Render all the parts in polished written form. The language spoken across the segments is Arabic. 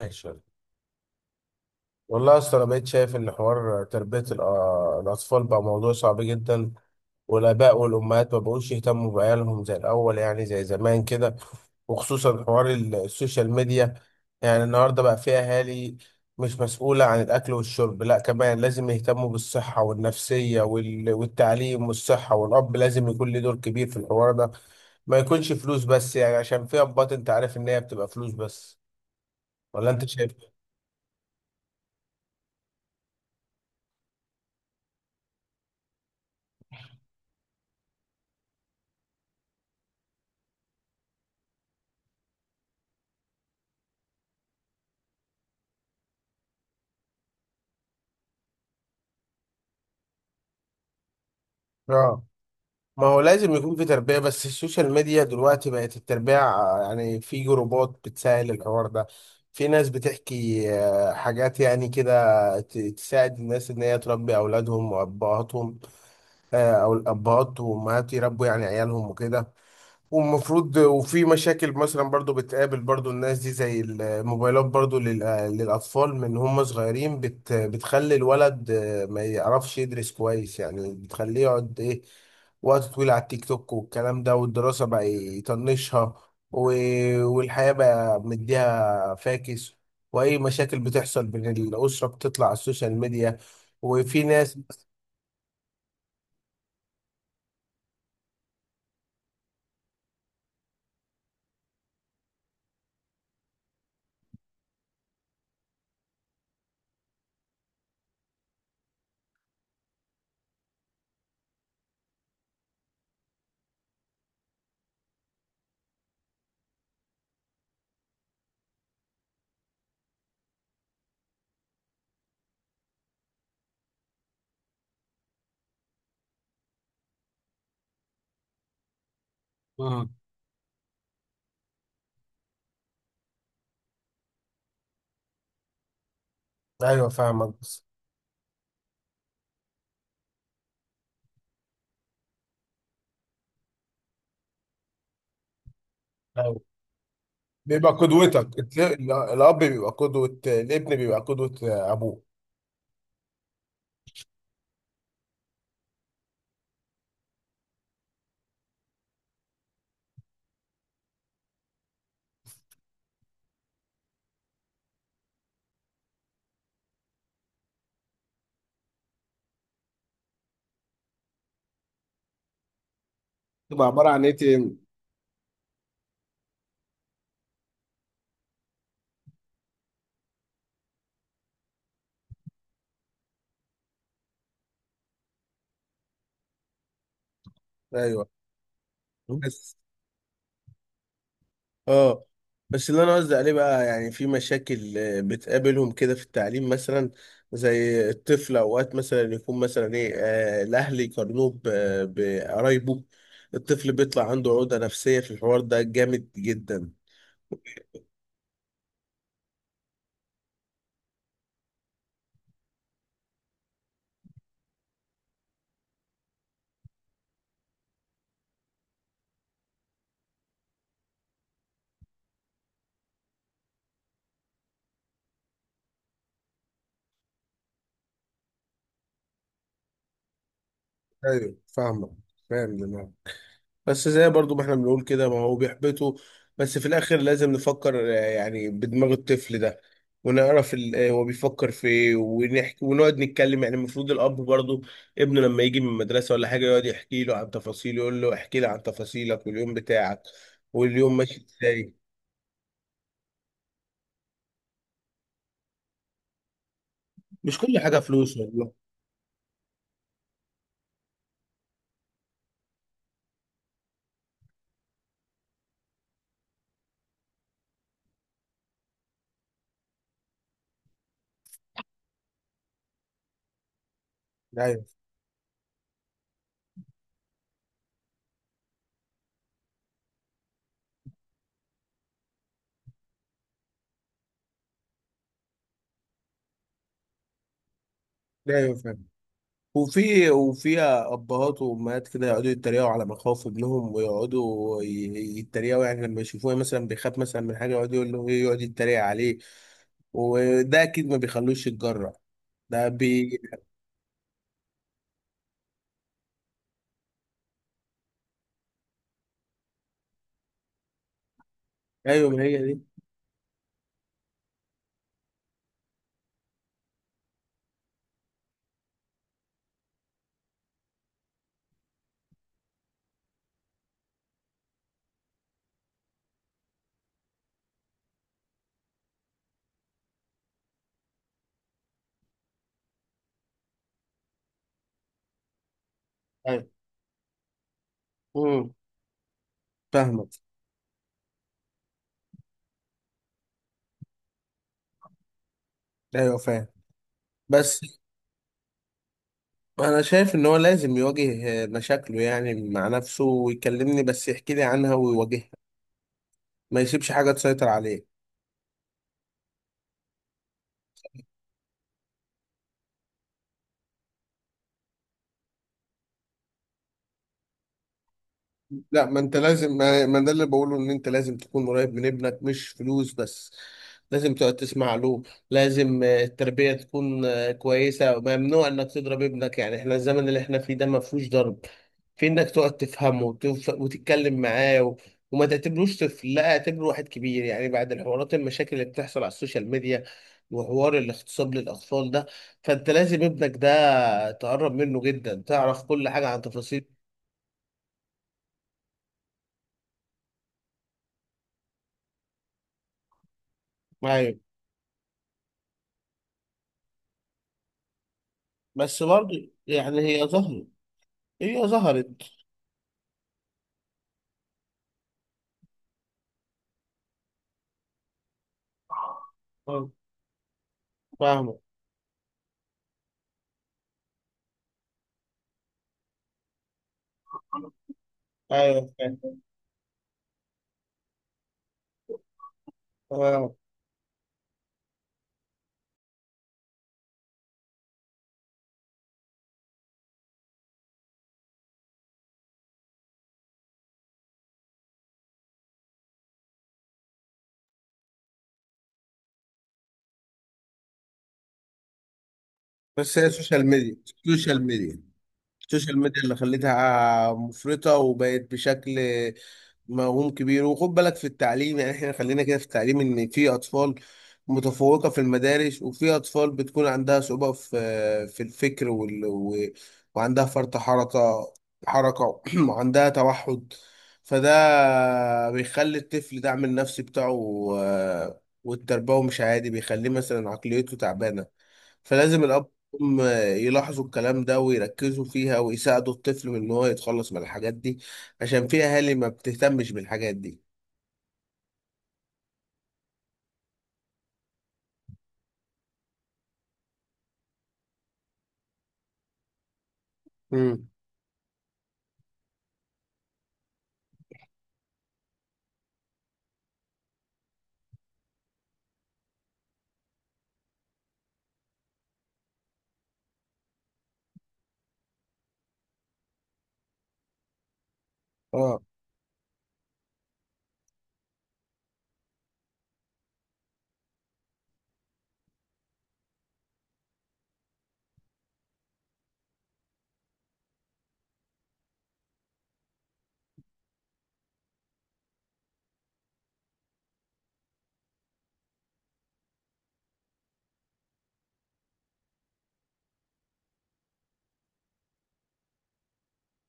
ماشي يلا. والله يا اسطى، انا بقيت شايف ان حوار تربيه الاطفال بقى موضوع صعب جدا، والاباء والامهات ما بقوش يهتموا بعيالهم زي الاول، يعني زي زمان كده، وخصوصا حوار السوشيال ميديا. يعني النهارده بقى في اهالي مش مسؤوله عن الاكل والشرب لا كمان لازم يهتموا بالصحه والنفسيه والتعليم والصحه، والاب لازم يكون له دور كبير في الحوار ده. ما يكونش فلوس بس، يعني عشان في ابات انت عارف ان هي بتبقى فلوس بس، ولا انت شايف؟ اه، ما هو لازم يكون في تربية، بس السوشيال ميديا دلوقتي بقت التربية، يعني في جروبات بتسهل الحوار ده. في ناس بتحكي حاجات يعني كده، تساعد الناس ان هي تربي اولادهم وابهاتهم، او الابهات وامهات يربوا يعني عيالهم وكده. ومفروض، وفي مشاكل مثلا برضو بتقابل برضو الناس دي زي الموبايلات برضو للأطفال من هم صغيرين، بتخلي الولد ما يعرفش يدرس كويس، يعني بتخليه يقعد وقت طويل على التيك توك والكلام ده، والدراسة بقى يطنشها، والحياة بقى مديها فاكس، وأي مشاكل بتحصل بين الأسرة بتطلع على السوشيال ميديا. وفي ناس. اه. أيوة فاهمك، بس بيبقى قدوتك الاب بيبقى قدوة، الابن بيبقى قدوة ابوه. تبقى عباره عن ايه تاني. ايوه. بس اه، بس اللي انا قصدي عليه بقى يعني في مشاكل بتقابلهم كده في التعليم مثلا، زي الطفل اوقات مثلا يكون مثلا ايه آه، الاهل يقارنوه بقرايبه، الطفل بيطلع عنده عقدة نفسية في الحوار ده جامد جدا. ايوه فاهمه. فاهم دماغك، بس زي برضو ما احنا بنقول كده، ما هو بيحبطه، بس في الاخر لازم نفكر يعني بدماغ الطفل ده، ونعرف هو بيفكر في ايه، ونحكي ونقعد نتكلم. يعني المفروض الاب برضو، ابنه لما يجي من المدرسه ولا حاجه يقعد يحكي له عن تفاصيله، يقول له احكي لي عن تفاصيلك واليوم بتاعك واليوم ماشي ازاي. مش كل حاجه فلوس والله. لا، ايوه. لا، ايوه. وفي، وفيها ابهات وامهات كده يقعدوا يتريقوا على مخاوف ابنهم، ويقعدوا يتريقوا، يعني لما يشوفوه مثلا بيخاف مثلا من حاجه يقعد يقول له يقعد يتريق عليه، وده اكيد ما بيخلوش يتجرأ. ده بي. ايوه ما هي دي. ايوه. امم فاهمك. ايوه فاهم، بس انا شايف ان هو لازم يواجه مشاكله يعني مع نفسه، ويكلمني بس يحكي لي عنها ويواجهها، ما يسيبش حاجه تسيطر عليه. لا، ما انت لازم، ما ده اللي بقوله، ان انت لازم تكون قريب من ابنك مش فلوس بس، لازم تقعد تسمع له، لازم التربية تكون كويسة. ممنوع انك تضرب ابنك، يعني احنا الزمن اللي احنا فيه ده ما فيهوش ضرب، في انك تقعد تفهمه وتتكلم معاه، وما تعتبروش طفل، لا اعتبره واحد كبير، يعني بعد الحوارات المشاكل اللي بتحصل على السوشيال ميديا، وحوار الاغتصاب للاطفال ده، فانت لازم ابنك ده تقرب منه جدا، تعرف كل حاجة عن تفاصيل. بس برضه يعني هي ظهرت. هي ظهرت. اه فاهمة. أيوه فاهم. آه. بس هي سوشيال ميديا. سوشيال ميديا. السوشيال ميديا اللي خلتها مفرطة وبقت بشكل موهوم كبير. وخد بالك في التعليم، يعني احنا خلينا كده في التعليم، ان في اطفال متفوقة في المدارس، وفي اطفال بتكون عندها صعوبة في الفكر، وعندها فرط حركة، حركة وعندها توحد، فده بيخلي الطفل دعم النفسي بتاعه والتربوي مش عادي، بيخليه مثلا عقليته تعبانة، فلازم الأب والأم يلاحظوا الكلام ده ويركزوا فيها، ويساعدوا الطفل من إن هو يتخلص من الحاجات دي، عشان في أهالي ما بتهتمش بالحاجات دي. امم اه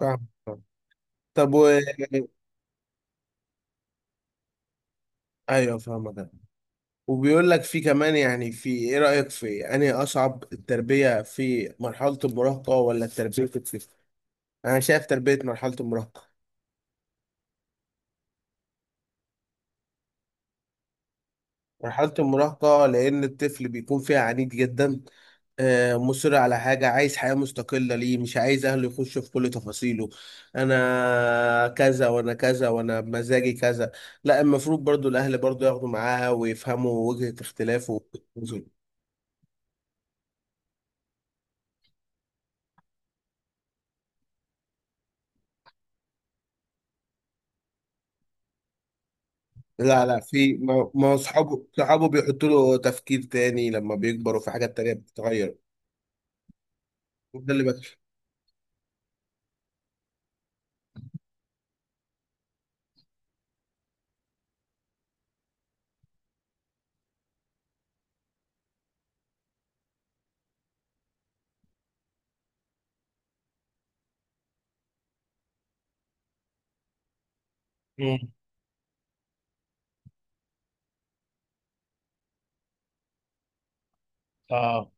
فاهم. طب أيوه فاهمك أنا. وبيقول لك في كمان، يعني في إيه رأيك في أنهي أصعب، التربية في مرحلة المراهقة ولا التربية في الطفل؟ أنا شايف تربية مرحلة المراهقة. مرحلة المراهقة لأن الطفل بيكون فيها عنيد جدا، مصر على حاجة، عايز حياة مستقلة، ليه مش عايز أهله يخشوا في كل تفاصيله، أنا كذا وأنا كذا وأنا بمزاجي كذا. لا، المفروض برضو الأهل برضو ياخدوا معاه ويفهموا وجهة اختلافه. لا لا، في، ما أصحابه صحابه بيحطوا له تفكير تاني، لما بيكبروا في حاجات تانية بتتغير. ده اللي بكشف. مم. اه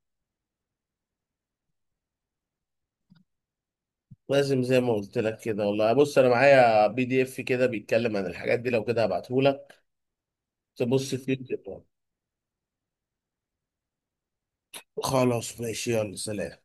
لازم زي ما قلت لك كده. والله بص انا معايا PDF كده بيتكلم عن الحاجات دي، لو كده هبعته لك تبص فيه كده. خلاص ماشي يلا سلام.